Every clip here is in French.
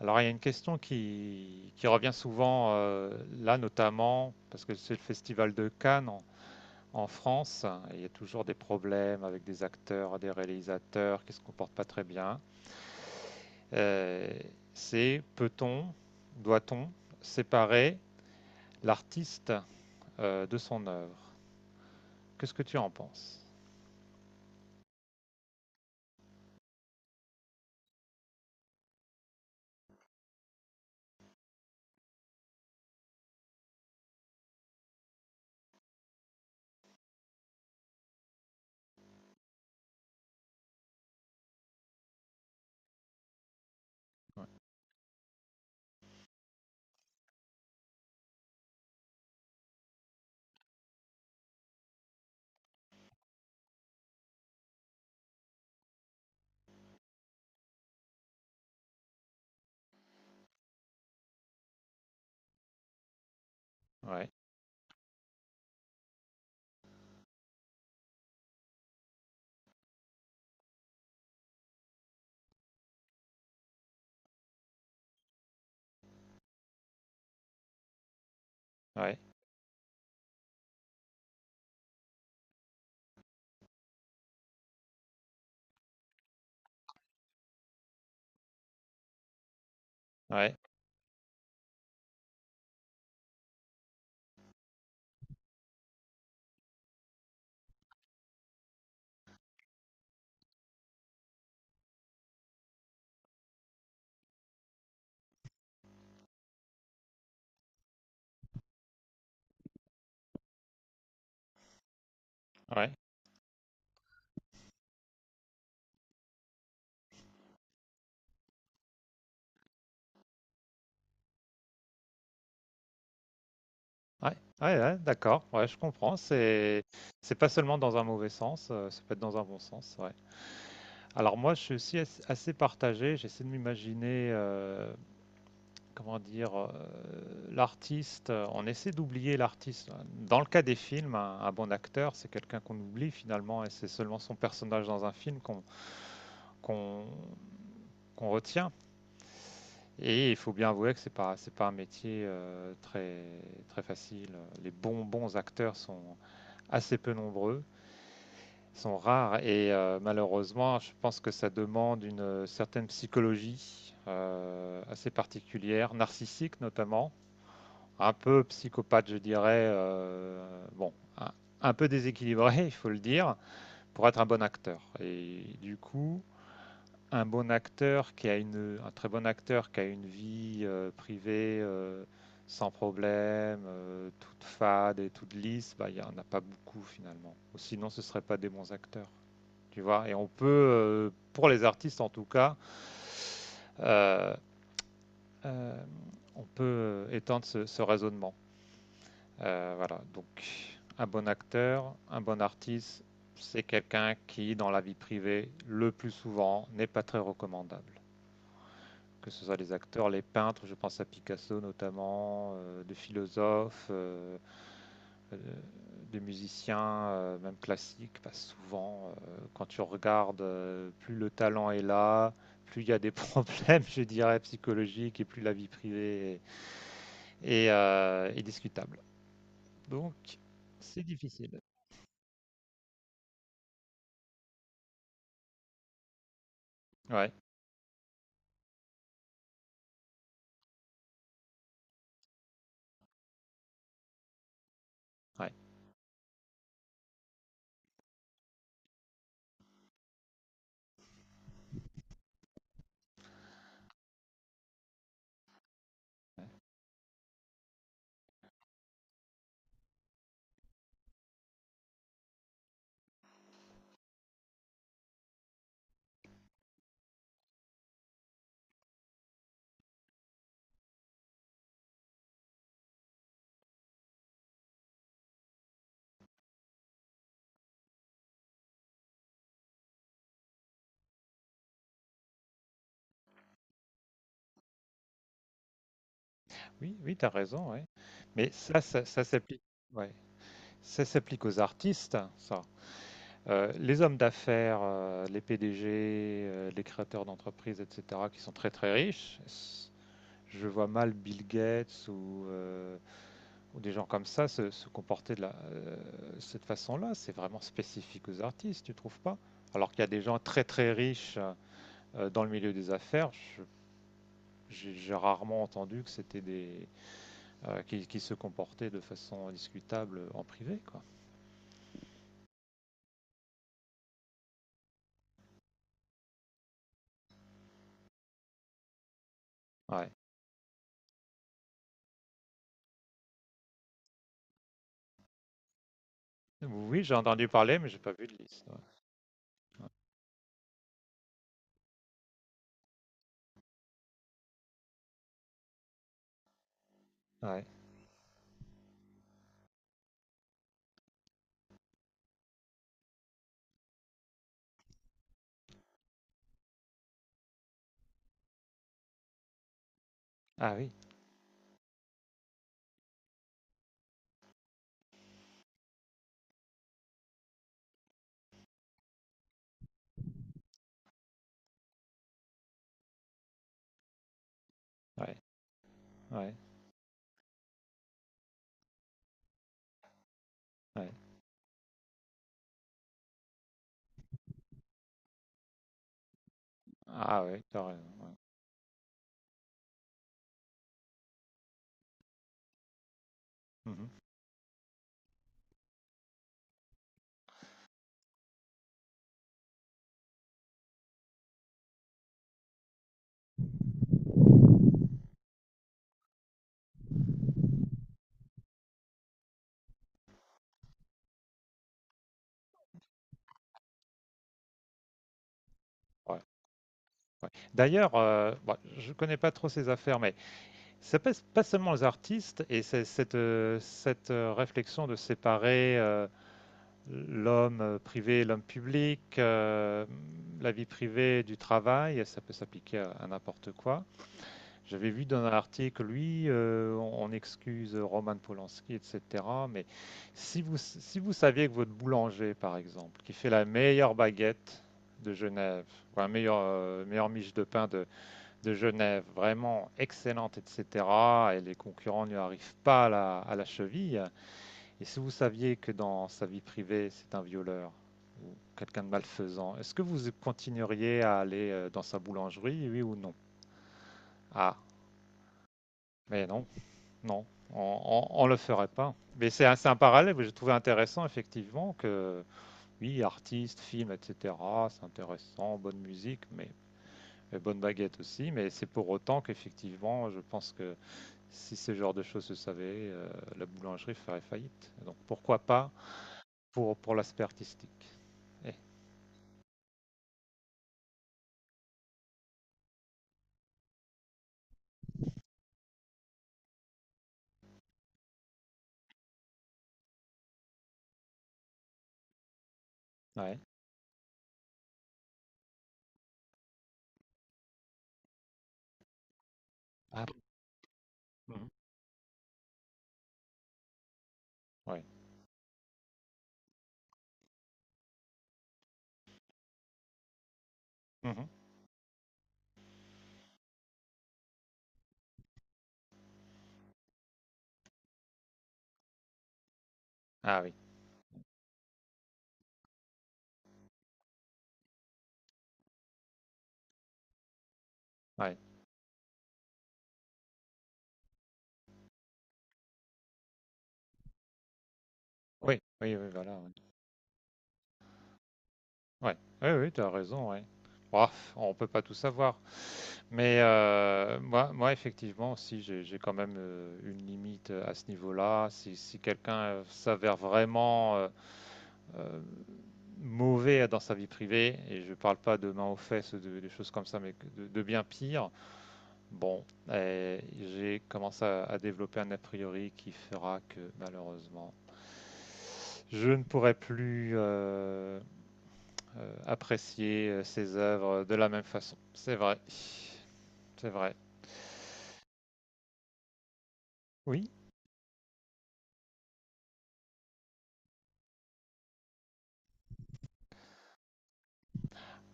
Alors, il y a une question qui revient souvent là, notamment parce que c'est le festival de Cannes en France, hein, et il y a toujours des problèmes avec des acteurs, des réalisateurs qui ne se comportent pas très bien. Euh, c'est peut-on, doit-on séparer l'artiste de son œuvre? Qu'est-ce que tu en penses? Ouais, ouais, ouais, ouais. Ouais, ouais, ouais, d'accord, ouais, je comprends. C'est pas seulement dans un mauvais sens, ça peut être dans un bon sens, ouais. Alors moi, je suis aussi assez partagé. J'essaie de m'imaginer, comment dire, l'artiste. On essaie d'oublier l'artiste. Dans le cas des films, un bon acteur, c'est quelqu'un qu'on oublie finalement, et c'est seulement son personnage dans un film qu'on qu'on retient. Et il faut bien avouer que c'est pas un métier très très facile. Les bons bons acteurs sont assez peu nombreux. Sont rares et malheureusement, je pense que ça demande une certaine psychologie assez particulière, narcissique notamment, un peu psychopathe, je dirais, bon, un, un peu déséquilibré, il faut le dire, pour être un bon acteur. Et du coup, un bon acteur qui a un très bon acteur qui a une vie privée sans problème, toute fade et toute lisse, bah, il n'y en a pas beaucoup finalement. Sinon, ce ne seraient pas des bons acteurs. Tu vois. Et on peut, pour les artistes en tout cas, euh, euh, on peut étendre ce raisonnement. Voilà. Donc, un bon acteur, un bon artiste, c'est quelqu'un qui, dans la vie privée, le plus souvent, n'est pas très recommandable, que ce soit les acteurs, les peintres, je pense à Picasso notamment, de philosophes, euh, de musiciens, même classiques, bah, souvent, quand tu regardes, plus le talent est là, plus il y a des problèmes, je dirais, psychologiques, et plus la vie privée est discutable. Donc, c'est difficile. Ouais, ouais. Oui, oui, tu as raison, ouais. Mais ça s'applique. Ouais. Ça s'applique aux artistes, ça. Les hommes d'affaires, les PDG, les créateurs d'entreprises, etc., qui sont très très riches, je vois mal Bill Gates ou des gens comme ça se comporter cette façon-là. C'est vraiment spécifique aux artistes, tu trouves pas? Alors qu'il y a des gens très très riches dans le milieu des affaires, j'ai rarement entendu que c'était qui se comportaient de façon discutable en privé, quoi. Ouais. Oui, j'ai entendu parler, mais j'ai pas vu de liste. Ouais. Ouais. Ah oui. Ouais. Ouais, ouais. Ah ouais, t'as raison, ouais. Mhm. Ouais, ouais. D'ailleurs, bon, je connais pas trop ces affaires, mais ça passe pas seulement les artistes et c'est cette réflexion de séparer l'homme privé et l'homme public, la vie privée du travail, ça peut s'appliquer à n'importe quoi. J'avais vu dans un article, lui, on excuse Roman Polanski, etc. Mais si vous saviez que votre boulanger, par exemple, qui fait la meilleure baguette de Genève, ou la meilleure miche de pain de Genève, vraiment excellente, etc., et les concurrents ne lui arrivent pas à la cheville, et si vous saviez que dans sa vie privée, c'est un violeur ou quelqu'un de malfaisant, est-ce que vous continueriez à aller dans sa boulangerie, oui ou non? Ah, mais non. Non, on ne le ferait pas. Mais c'est un parallèle que j'ai trouvé intéressant, effectivement, que oui, artistes, films, etc., c'est intéressant, bonne musique, mais et bonne baguette aussi, mais c'est pour autant qu'effectivement, je pense que si ce genre de choses se savait, la boulangerie ferait faillite. Donc pourquoi pas pour l'aspect artistique. Eh, ouais. Ah bon? Mhm. Ouais. Mhm. Ah oui. Ouais. Oui, oui, oui, voilà. Ouais. Ouais, oui, oui, tu as raison, ouais. Ouah, on peut pas tout savoir. Mais moi, effectivement, si j'ai quand même une limite à ce niveau-là, si quelqu'un s'avère vraiment euh, mauvais dans sa vie privée, et je parle pas de main aux fesses, des choses comme ça, mais que de bien pire, bon, j'ai commencé à développer un a priori qui fera que malheureusement, je ne pourrai plus apprécier ses œuvres de la même façon. C'est vrai, c'est vrai. Oui.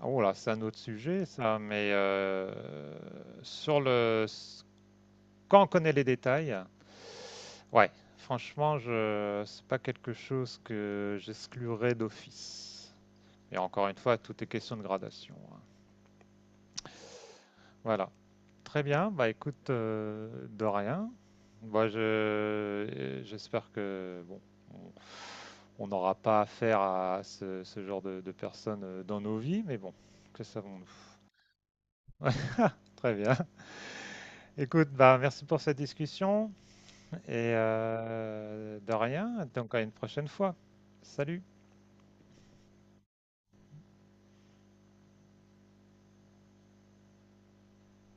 Oh là, c'est un autre sujet, ça, mais sur le... quand on connaît les détails, ouais, franchement, c'est pas quelque chose que j'exclurais d'office. Et encore une fois, tout est question de gradation, hein. Voilà. Très bien, bah écoute, de rien. Moi, j'espère que bon, on on n'aura pas affaire à ce genre de personnes dans nos vies, mais bon, que savons-nous? Très bien. Écoute, bah merci pour cette discussion et de rien. Donc à une prochaine fois. Salut.